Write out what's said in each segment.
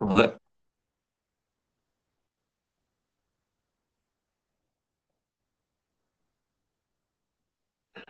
Ouais.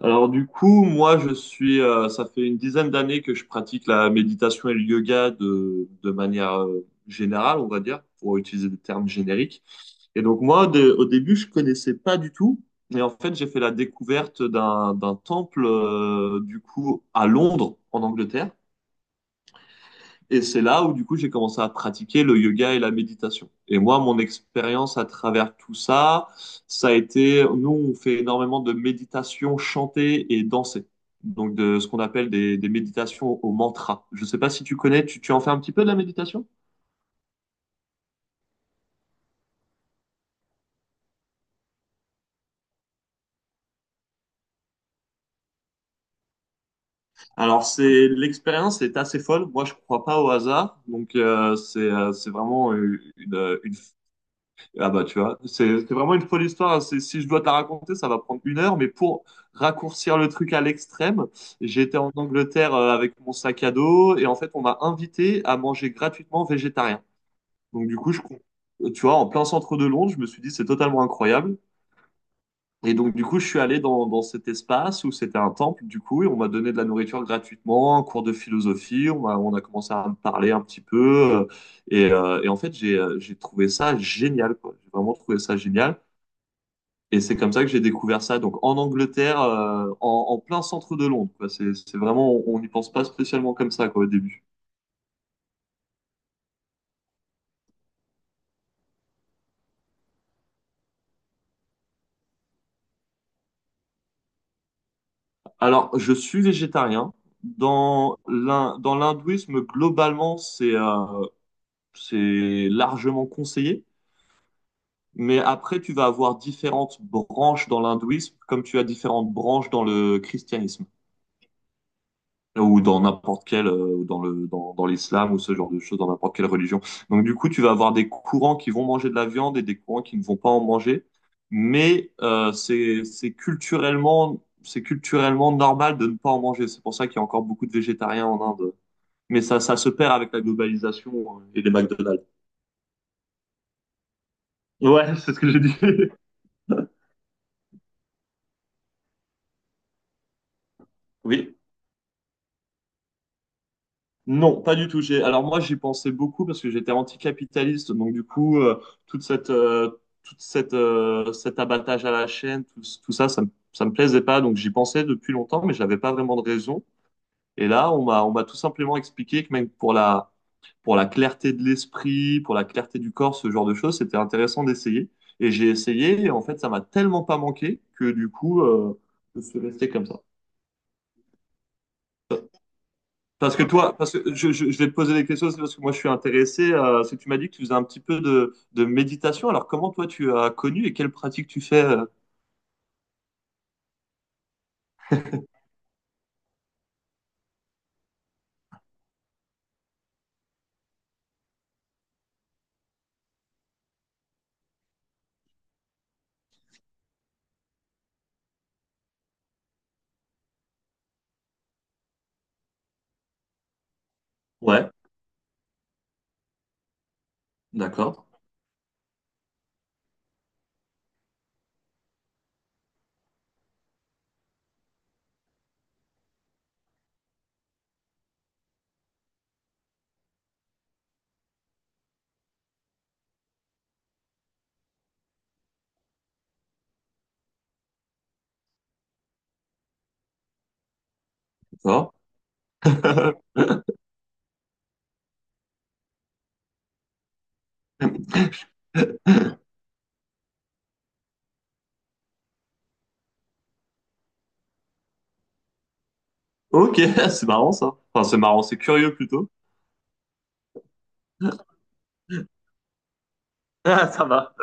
Alors du coup, moi, ça fait une dizaine d'années que je pratique la méditation et le yoga de manière, générale, on va dire, pour utiliser des termes génériques. Et donc moi, au début, je connaissais pas du tout. Et en fait, j'ai fait la découverte d'un temple, du coup, à Londres, en Angleterre. Et c'est là où, du coup, j'ai commencé à pratiquer le yoga et la méditation. Et moi, mon expérience à travers tout ça, ça a été, nous, on fait énormément de méditation chantée et dansée. Donc, de ce qu'on appelle des méditations au mantra. Je sais pas si tu connais, tu en fais un petit peu de la méditation? Alors, c'est, l'expérience est assez folle. Moi, je crois pas au hasard. Donc, c'est vraiment une Ah bah, tu vois, c'est vraiment une folle histoire, hein. Si je dois te la raconter, ça va prendre une heure, mais pour raccourcir le truc à l'extrême, j'étais en Angleterre avec mon sac à dos et en fait on m'a invité à manger gratuitement végétarien. Donc du coup, je, tu vois, en plein centre de Londres, je me suis dit c'est totalement incroyable. Et donc du coup, je suis allé dans cet espace où c'était un temple du coup et on m'a donné de la nourriture gratuitement, un cours de philosophie, on a commencé à me parler un petit peu, euh, et en fait j'ai trouvé ça génial quoi. J'ai vraiment trouvé ça génial. Et c'est comme ça que j'ai découvert ça. Donc en Angleterre, en plein centre de Londres, quoi. C'est vraiment, on n'y pense pas spécialement comme ça quoi, au début. Alors je suis végétarien. Dans l'hindouisme, globalement, c'est largement conseillé. Mais après, tu vas avoir différentes branches dans l'hindouisme, comme tu as différentes branches dans le christianisme, ou dans n'importe quelle, ou dans l'islam, ou ce genre de choses, dans n'importe quelle religion. Donc, du coup, tu vas avoir des courants qui vont manger de la viande et des courants qui ne vont pas en manger. Mais c'est culturellement normal de ne pas en manger. C'est pour ça qu'il y a encore beaucoup de végétariens en Inde. Mais ça se perd avec la globalisation et les McDonald's. Ouais, c'est ce que j'ai dit. Oui. Non, pas du tout. Alors moi, j'y pensais beaucoup parce que j'étais anticapitaliste. Donc du coup, cet abattage à la chaîne, tout, tout ça, ça me plaisait pas. Donc j'y pensais depuis longtemps, mais j'avais pas vraiment de raison. Et là, on m'a tout simplement expliqué que même pour la clarté de l'esprit, pour la clarté du corps, ce genre de choses, c'était intéressant d'essayer. Et j'ai essayé. Et en fait, ça m'a tellement pas manqué que du coup, je suis resté comme ça. Parce que toi, parce que je vais te poser des questions, c'est parce que moi je suis intéressé. C'est que tu m'as dit que tu faisais un petit peu de méditation. Alors comment toi tu as connu et quelle pratique tu fais. Ouais, d'accord, d'accord. Ok, c'est marrant ça. Enfin, c'est marrant, c'est curieux plutôt. Ah, ça va.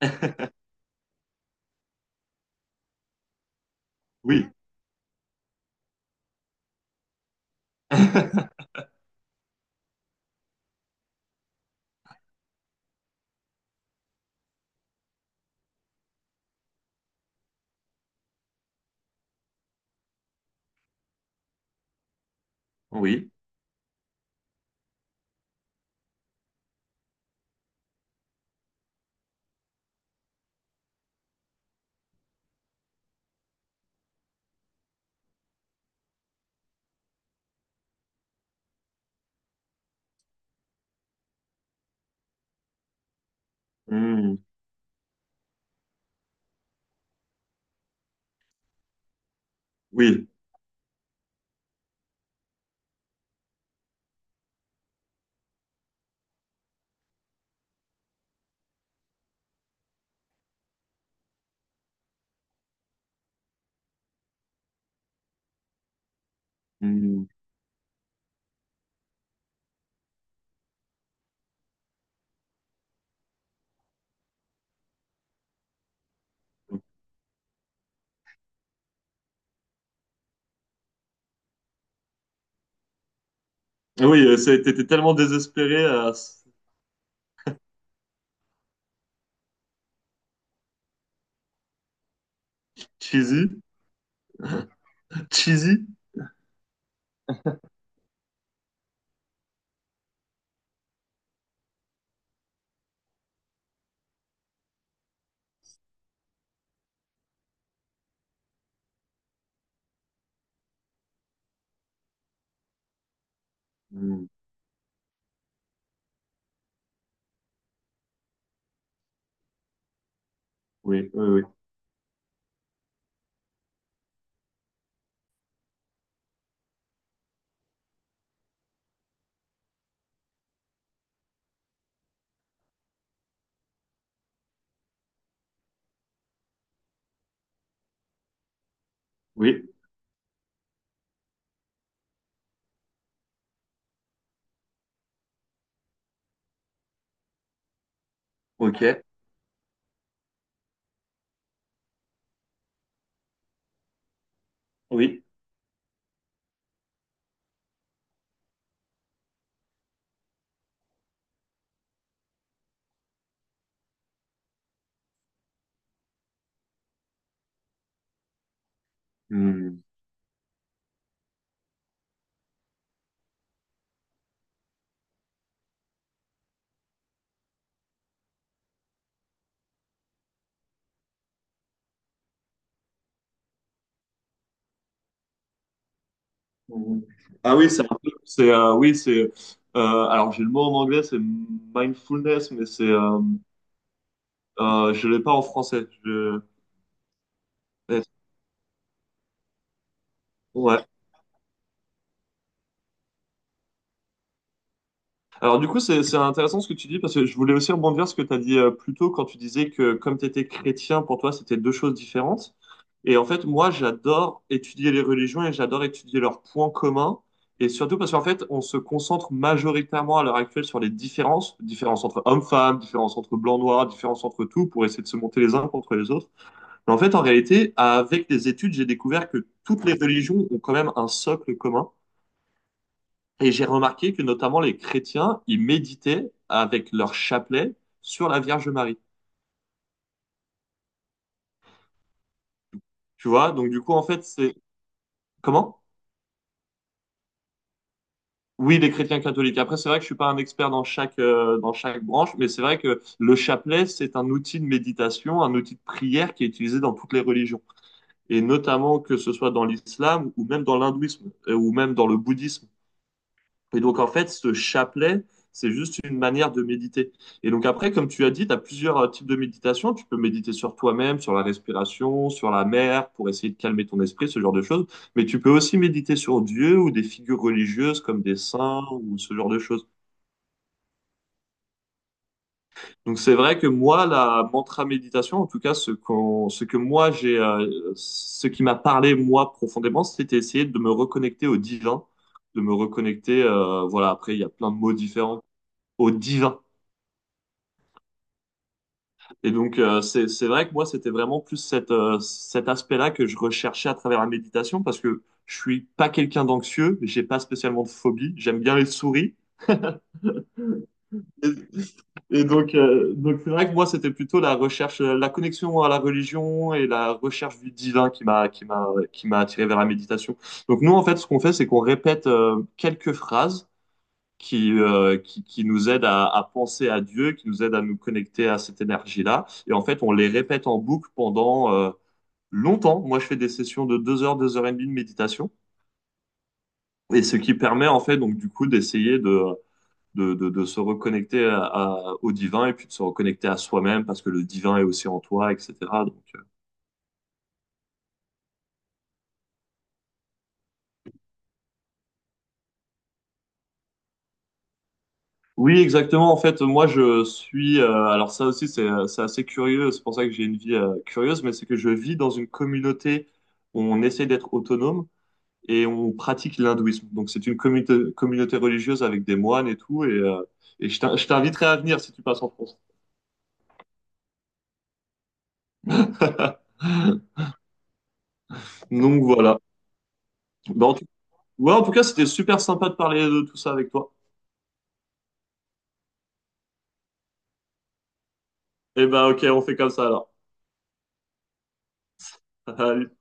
Oui, oui, Hmm. Oui, Hmm. Oui. T'étais tellement désespéré, cheesy, cheesy. Hmm. Oui, oui, oui, oui. Ok, oui. Hmm. Mhm. Ah oui, c'est un peu, c'est, oui, c'est, alors j'ai le mot en anglais, c'est mindfulness, mais c'est, je l'ai pas en français. Ouais, ouais. Alors du coup, c'est intéressant ce que tu dis parce que je voulais aussi rebondir sur ce que tu as dit plus tôt quand tu disais que comme tu étais chrétien, pour toi, c'était deux choses différentes. Et en fait, moi, j'adore étudier les religions et j'adore étudier leurs points communs. Et surtout parce qu'en fait, on se concentre majoritairement à l'heure actuelle sur les différences, différences entre hommes-femmes, différences entre blancs-noirs, différences entre tout, pour essayer de se monter les uns contre les autres. Mais en fait, en réalité, avec les études, j'ai découvert que toutes les religions ont quand même un socle commun. Et j'ai remarqué que notamment les chrétiens, ils méditaient avec leur chapelet sur la Vierge Marie. Tu vois, donc du coup, en fait, c'est... Comment? Oui, les chrétiens catholiques. Après, c'est vrai que je suis pas un expert dans chaque branche, mais c'est vrai que le chapelet, c'est un outil de méditation, un outil de prière qui est utilisé dans toutes les religions. Et notamment que ce soit dans l'islam ou même dans l'hindouisme, ou même dans le bouddhisme. Et donc, en fait, ce chapelet, c'est juste une manière de méditer. Et donc, après, comme tu as dit, tu as plusieurs types de méditation. Tu peux méditer sur toi-même, sur la respiration, sur la mer, pour essayer de calmer ton esprit, ce genre de choses. Mais tu peux aussi méditer sur Dieu ou des figures religieuses comme des saints ou ce genre de choses. Donc, c'est vrai que moi, la mantra méditation, en tout cas, ce qu'on, ce que moi, j'ai, ce qui m'a parlé, moi, profondément, c'était essayer de me reconnecter au divin, de me reconnecter, voilà, après, il y a plein de mots différents, au divin. Et donc, c'est vrai que moi, c'était vraiment plus cet aspect-là que je recherchais à travers la méditation parce que je suis pas quelqu'un d'anxieux, j'ai pas spécialement de phobie, j'aime bien les souris. Et, et donc c'est vrai que moi, c'était plutôt la recherche, la connexion à la religion et la recherche du divin qui m'a attiré vers la méditation. Donc, nous, en fait, ce qu'on fait, c'est qu'on répète quelques phrases qui nous aide à penser à Dieu, qui nous aide à nous connecter à cette énergie-là. Et en fait, on les répète en boucle pendant longtemps. Moi, je fais des sessions de 2 heures 2 heures et demie de méditation. Et ce qui permet, en fait, donc, du coup, d'essayer de, de se reconnecter au divin et puis de se reconnecter à soi-même parce que le divin est aussi en toi, etc. Donc, oui, exactement. En fait, moi, je suis. Alors, ça aussi, c'est assez curieux. C'est pour ça que j'ai une vie curieuse, mais c'est que je vis dans une communauté où on essaie d'être autonome. Et on pratique l'hindouisme. Donc c'est une communauté, communauté religieuse avec des moines et tout. Et je t'inviterai à venir si tu passes en France. Donc voilà. Bah, ouais, en tout cas, c'était super sympa de parler de tout ça avec toi. Et ben ok, on fait comme ça alors. Allez.